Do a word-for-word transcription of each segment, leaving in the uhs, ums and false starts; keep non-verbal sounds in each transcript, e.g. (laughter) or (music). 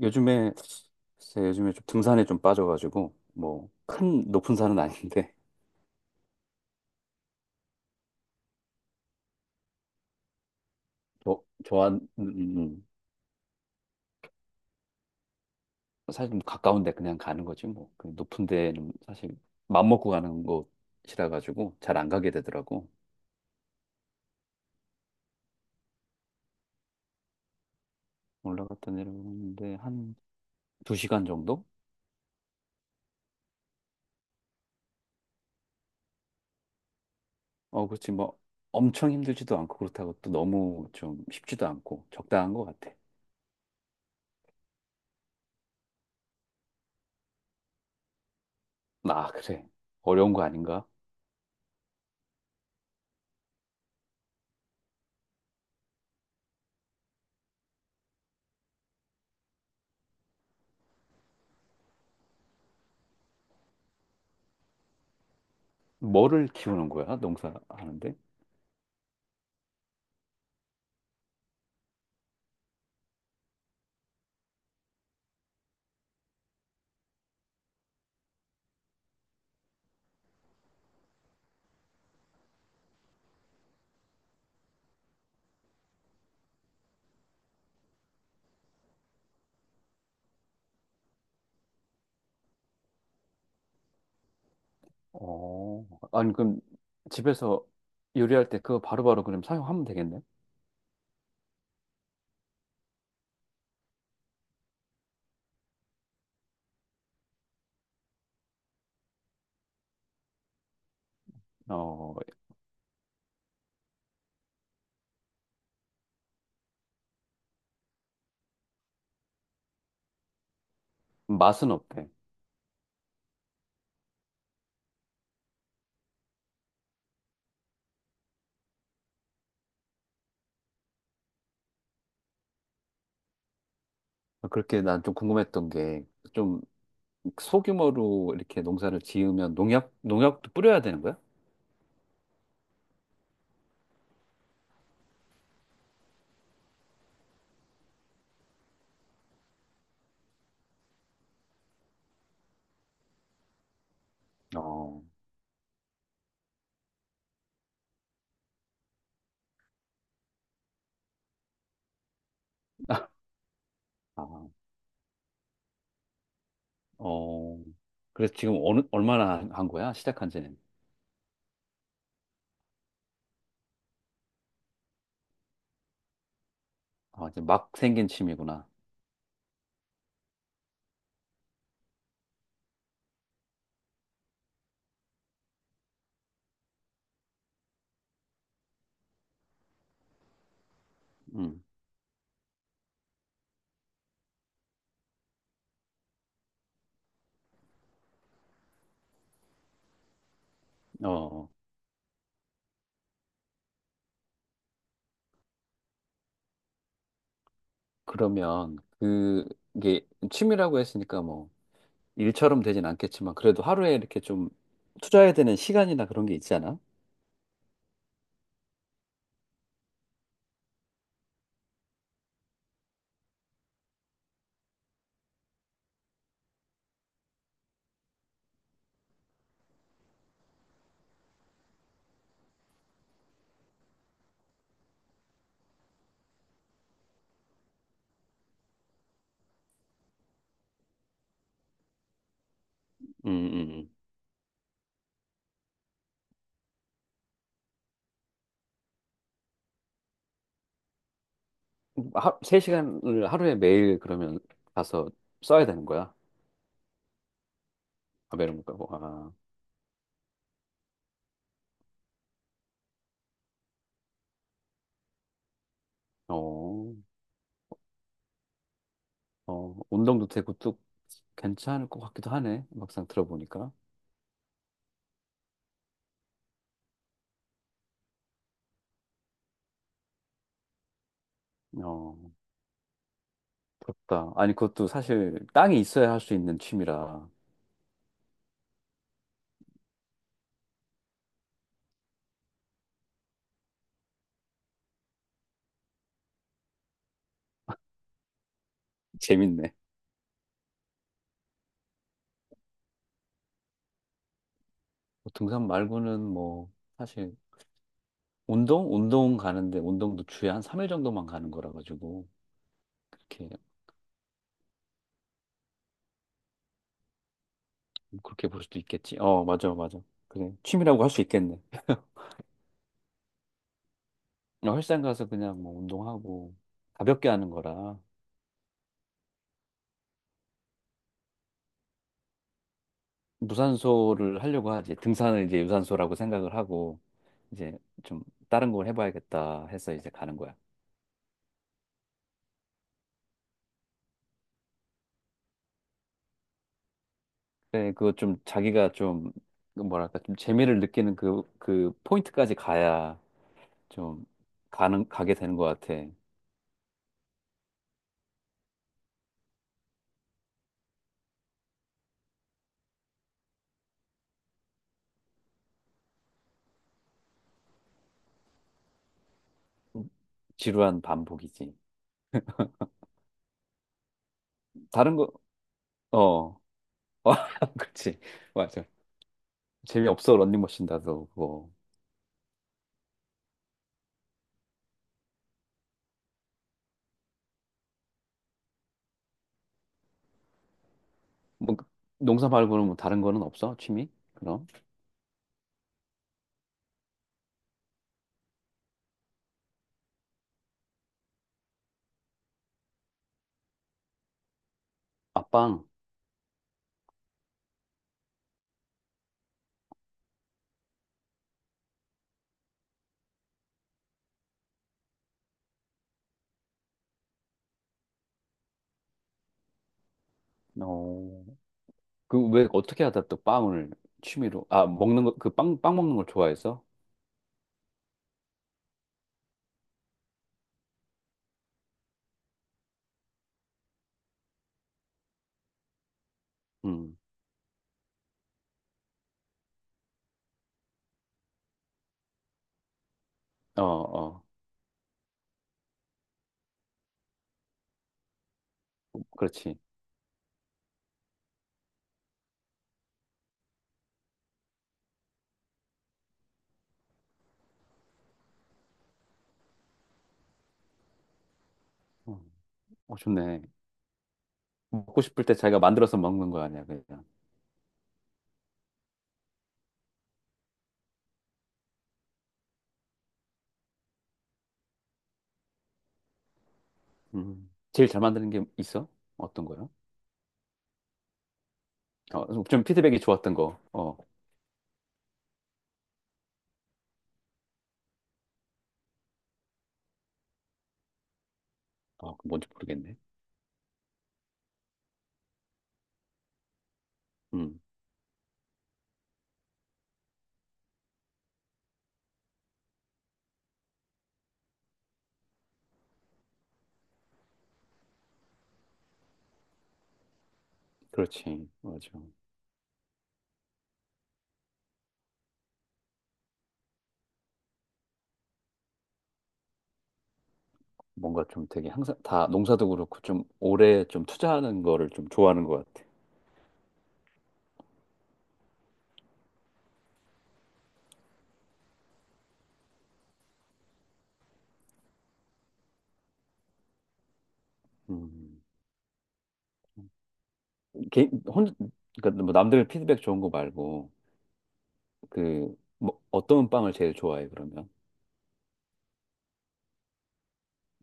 요즘에 글쎄 요즘에 좀 등산에 좀 빠져가지고 뭐 큰 높은 산은 아닌데. (laughs) 저 저한 음, 음. 음, 사실 좀 가까운데 그냥 가는 거지 뭐. 그 높은 데는 사실 맘 먹고 가는 곳이라 가지고 잘 안 가게 되더라고. 올라갔다 내려오는데 한 두 시간 정도? 어, 그렇지 뭐. 엄청 힘들지도 않고 그렇다고 또 너무 좀 쉽지도 않고 적당한 것 같아. 아, 그래. 어려운 거 아닌가? 뭐를 키우는 거야, 농사하는데? 어, 아니, 그럼 집에서 요리할 때 그거 바로바로 그럼 사용하면 되겠네? 어, 맛은 어때? 그렇게 난 좀 궁금했던 게, 좀 소규모로 이렇게 농사를 지으면 농약, 농약도 뿌려야 되는 거야? 어, (laughs) 아, 어, 그래서 지금 어느, 얼마나 한 한 거야? 시작한 지는? 아, 이제 막 생긴 취미구나. 음, 어, 그러면 그게 취미라고 했으니까 뭐, 일처럼 되진 않겠지만 그래도 하루에 이렇게 좀 투자해야 되는 시간이나 그런 게 있잖아. 음, 음. 하, 세 시간을 하루에 매일 그러면 가서 써야 되는 거야. 아, 매일 못 가고. 아, 어, 어, 운동도 되고 또 괜찮을 것 같기도 하네. 막상 들어보니까. 어, 부럽다. 아니, 그것도 사실 땅이 있어야 할 수 있는 취미라. 재밌네. 뭐 등산 말고는 뭐 사실 운동? 운동 가는데 운동도 주에 한 삼 일 정도만 가는 거라 가지고. 그렇게 뭐 그렇게 볼 수도 있겠지. 어, 맞아, 맞아. 그래. 취미라고 할 수 있겠네. (laughs) 그냥 헬스장 가서 그냥 뭐 운동하고 가볍게 하는 거라. 무산소를 하려고 하지. 등산을 이제 유산소라고 생각을 하고 이제 좀 다른 걸 해봐야겠다 해서 이제 가는 거야. 그데 그거 좀 자기가 좀그 뭐랄까 좀 재미를 느끼는 그, 그 포인트까지 가야 좀 가는, 가게 되는 것 같아. 지루한 반복이지. 다른 거, 어, (laughs) 어, 그렇지. 맞아. 재미없어 런닝머신 다도 그거. 뭐 농사 말고는 뭐 다른 거는 없어 취미 그럼? 아, 빵. 어, 그 왜 어떻게 하다 또 빵을 취미로? 아, 먹는 거? 그 빵 빵 먹는 걸 좋아해서? 음어 어. 어, 그렇지. 어, 어, 좋네. 먹고 싶을 때 자기가 만들어서 먹는 거 아니야 그냥? 음, 제일 잘 만드는 게 있어? 어떤 거요? 어좀 피드백이 좋았던 거어 아, 그 뭔지 모르겠네. 음. 그렇지, 맞아. 뭔가 좀 되게 항상 다 농사도 그렇고 좀 오래 좀 투자하는 거를 좀 좋아하는 것 같아. 음. 개, 혼, 그러니까 뭐 남들 피드백 좋은 거 말고 그 뭐 어떤 빵을 제일 좋아해 그러면?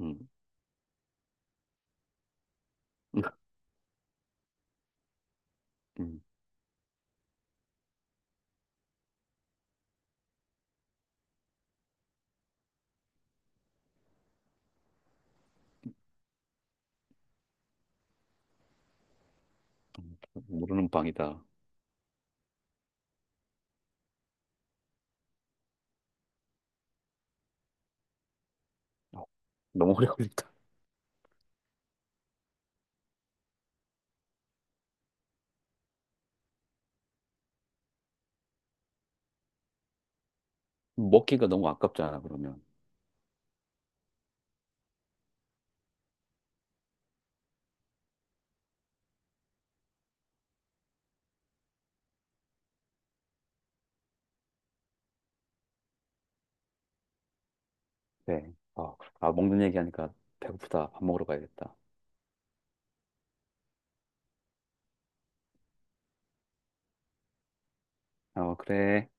음. (laughs) 음. 모르는 빵이다. 어, 너무 오래 걸린다. (laughs) 먹기가 너무 아깝잖아 그러면. 네. 아, 그렇구나. 아, 먹는 얘기하니까 배고프다. 밥 먹으러 가야겠다. 어, 그래.